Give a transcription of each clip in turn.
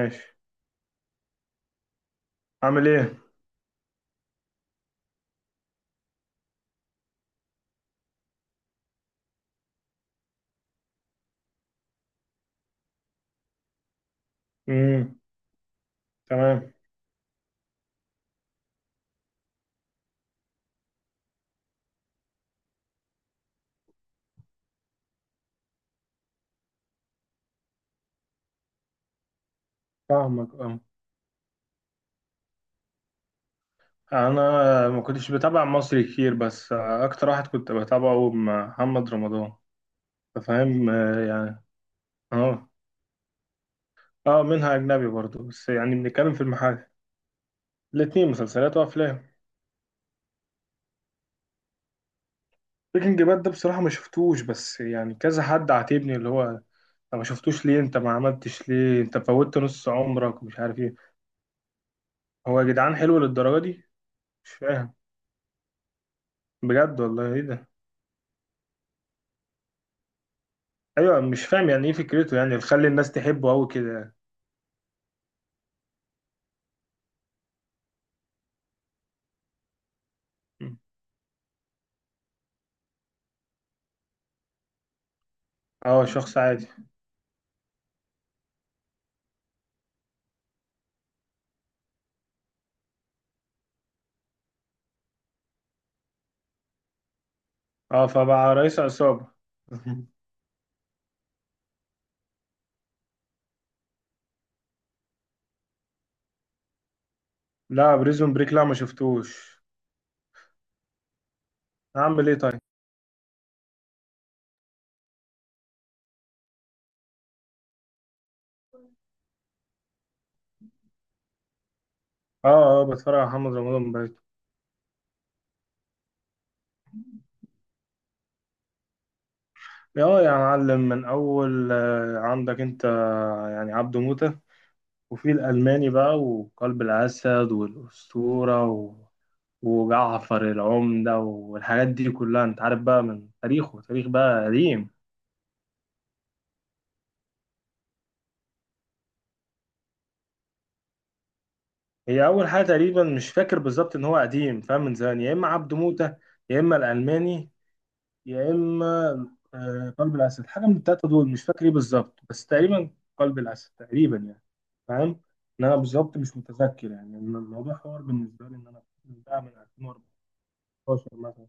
ماشي. عامل ايه؟ امم. تمام. فاهمك اه. انا ما كنتش بتابع مصري كتير، بس اكتر واحد كنت بتابعه محمد رمضان. أنت فاهم، يعني. اه. اه، منها اجنبي برضو، بس يعني بنتكلم في المحل. الاتنين، مسلسلات وافلام. بريكنج باد ده بصراحة ما شفتوش، بس يعني كذا حد عاتبني اللي هو: انت ما شفتوش ليه، انت ما عملتش ليه، انت فوتت نص عمرك ومش عارف ايه. هو يا جدعان حلو للدرجة دي؟ مش فاهم. بجد والله، ايه ده؟ ايوه، مش فاهم يعني ايه فكرته يعني تخلي الناس تحبه قوي كده يعني. اه، شخص عادي. اه، فبقى رئيس عصابة. لا، بريزون بريك لا، ما شفتوش. هعمل ايه طيب. اه اه، بتفرج على محمد رمضان بقيت. اه يا معلم، من اول، عندك انت، يعني عبده موتة. وفي الالماني بقى، وقلب الاسد، والاسطورة و... وجعفر العمدة والحاجات دي كلها، انت عارف بقى، من تاريخه، تاريخ بقى قديم. هي اول حاجه تقريبا مش فاكر بالظبط، ان هو قديم فاهم، من زمان، يا اما عبد موته، يا اما الالماني، يا اما قلب الاسد. حاجه من الثلاثه دول مش فاكر ايه بالظبط، بس تقريبا قلب الاسد تقريبا يعني. فاهم. ان انا بالظبط مش متذكر، يعني إن الموضوع حوار بالنسبه لي، ان انا ده من 2014 مثلا.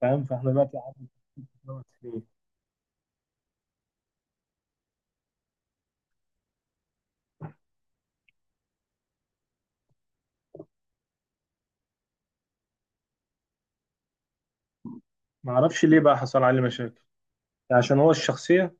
فاهم، فاحنا دلوقتي قعدنا 12 سنين. ما اعرفش ليه بقى حصل عليه مشاكل. عشان هو الشخصيه.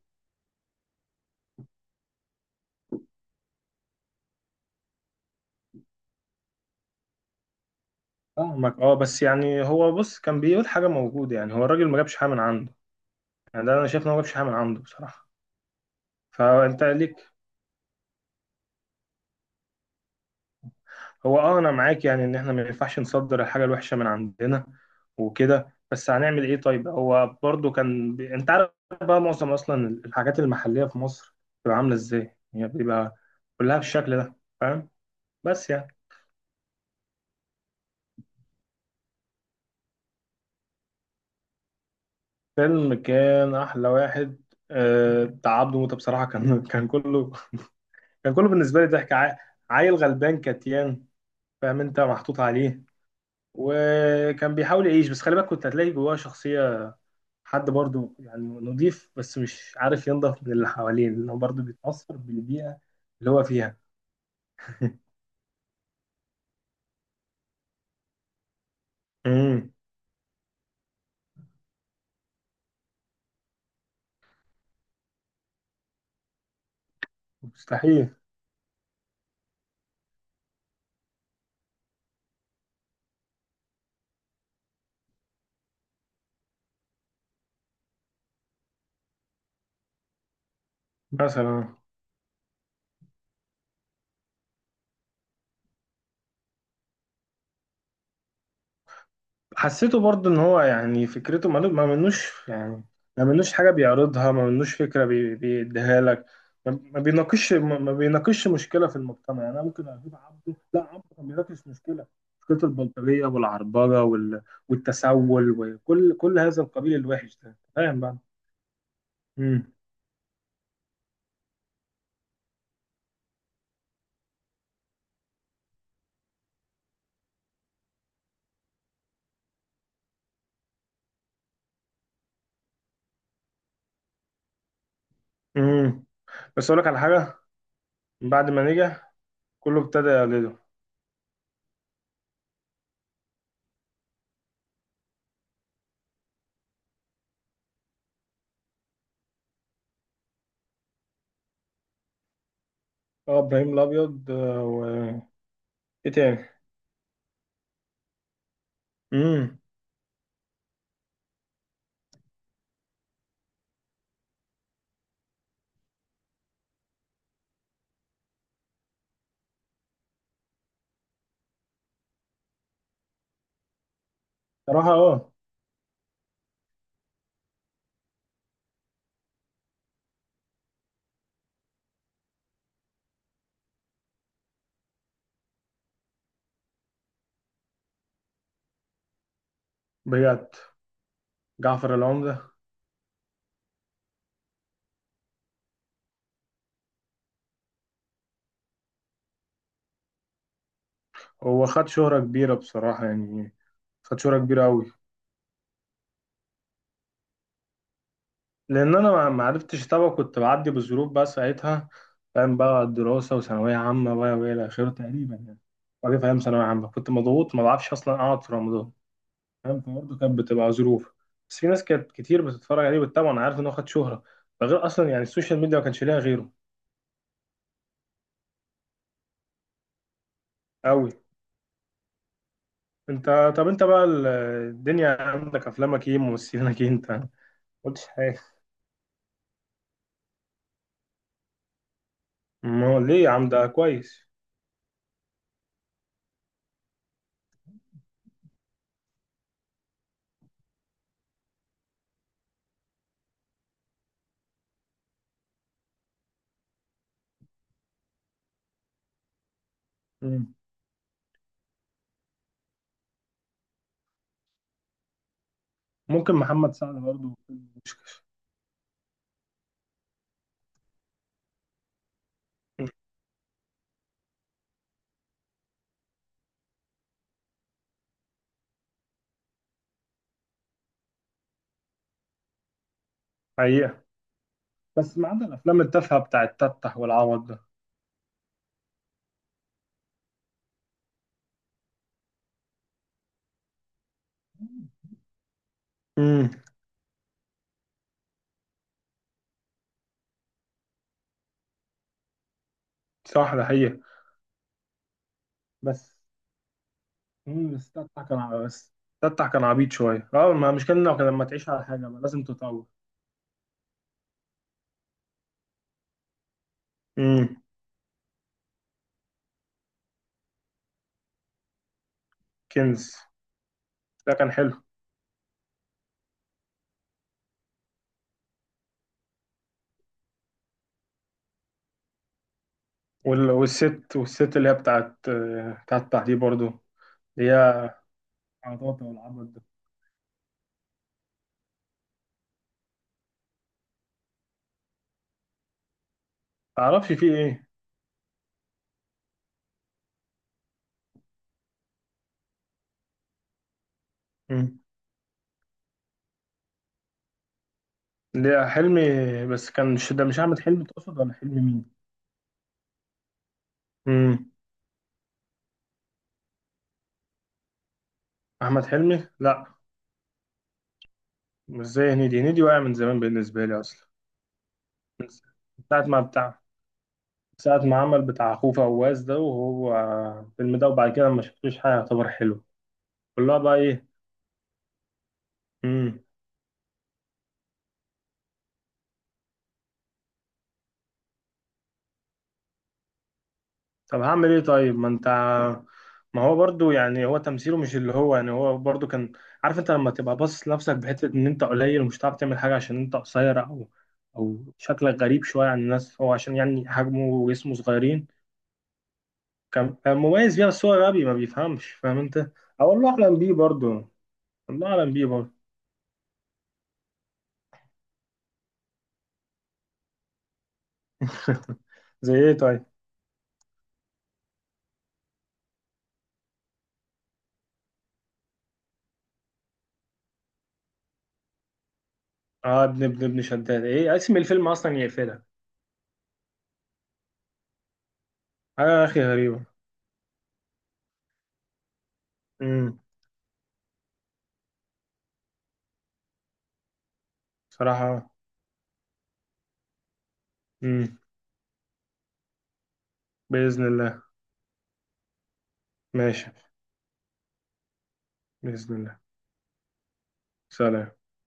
فاهمك اه، بس يعني هو بص كان بيقول حاجه موجوده، يعني هو الراجل ما جابش حاجه من عنده. يعني ده انا شايف ان هو مفيش حاجه من عنده بصراحه. فانت ليك. هو اه، انا معاك يعني، ان احنا ما ينفعش نصدر الحاجه الوحشه من عندنا وكده، بس هنعمل ايه طيب. هو برضو كان بي... انت عارف بقى، معظم اصلا الحاجات المحليه في مصر بتبقى عامله ازاي، يعني بيبقى كلها بالشكل ده. فاهم. بس يعني فيلم كان احلى واحد بتاع عبده موته بصراحه. كان كله، كان كله بالنسبه لي ضحك. عيل غلبان كتيان، فاهم، انت محطوط عليه. وكان بيحاول يعيش، بس خلي بالك، كنت هتلاقي جواه شخصية حد برضو يعني نضيف، بس مش عارف ينضف من اللي حواليه، لأنه برضو بيتأثر بالبيئة اللي هو فيها. امم. مستحيل. مثلا. حسيته برضه ان هو يعني فكرته ما منوش يعني، ما منوش حاجه بيعرضها، ما منوش فكره بيديها لك. ما بيناقش مشكله في المجتمع، يعني انا ممكن اجيب عبده. لا، عبده كان بيناقش مشكله، مشكله البلطجيه والعربجه وال... والتسول، وكل هذا القبيل الوحش ده، فاهم بقى. امم. امم. بس اقول لك على حاجه: من بعد ما نجح، كله ابتدى يقلده. اه، ابراهيم الابيض و... ايه تاني؟ امم. صراحه اه. بجد. جعفر العمدة. هو خد شهرة كبيرة بصراحة يعني، خد شهرة كبيرة أوي. لأن أنا ما عرفتش أتابعه، كنت بعدي بظروف بقى ساعتها. فاهم بقى، الدراسة، وثانوية عامة بقى، وإلى آخره تقريبا يعني. وبعدين فاهم، ثانوية عامة كنت مضغوط، ما بعرفش أصلا أقعد في رمضان. فاهم، فبرضه كانت بتبقى ظروف. بس في ناس كانت كتير بتتفرج عليه وبتتابعه، أنا عارف إن هو خد شهرة. ده غير أصلا يعني السوشيال ميديا ما كانش ليها غيره. أوي. أنت. طب أنت بقى الدنيا عندك، أفلامك إيه، ممثلينك إيه، أنت ما قلتش حاجة. ما هو ليه يا عم، ده كويس. ممكن محمد سعد برضه. حقيقة. بس ما عدا الأفلام التافهة بتاعت تفتح والعوض ده. امم. صح، ده حقيقة. بس. امم، بس تفتح كان عبيط شوية اه، ما مش كان، لما تعيش على حاجة ما لازم تتطور. امم. كنز، ده كان حلو. وال... والست اللي هي بتاعت تفتح دي برضه، اللي هي عطاطا والعبط ده. معرفش فيه ايه. امم. اللي هي حلمي. بس كان، مش ده مش أحمد حلمي تقصد، ولا حلمي مين؟ امم. أحمد حلمي؟ لأ. مش زي هنيدي، هنيدي واقع من زمان بالنسبة لي أصلا، من ساعة ما بتاع، ساعة ما عمل بتاع خوف عواز ده، وهو الفيلم ده، وبعد كده ما شفتلوش حاجة يعتبر حلو. كلها بقى إيه. مم. طب هعمل إيه طيب، ما أنت، ما هو برضو يعني هو تمثيله مش اللي هو يعني، هو برضو كان عارف، أنت لما تبقى باصص لنفسك بحتة إن أنت قليل ومش هتعرف تعمل حاجة، عشان أنت قصير، أو أو شكلك غريب شوية عن الناس، هو عشان يعني حجمه وجسمه صغيرين. كان مميز بيها، بس هو غبي ما بيفهمش، فاهم أنت. او، الله اعلم بيه برضه. الله اعلم بيه برضه. زي ايه طيب. اه، ابن ابن ابن شداد، ايه اسم الفيلم اصلا، يقفلها. حاجه يا اخي غريبه. امم. صراحه. امم. باذن الله. ماشي. باذن الله. سلام.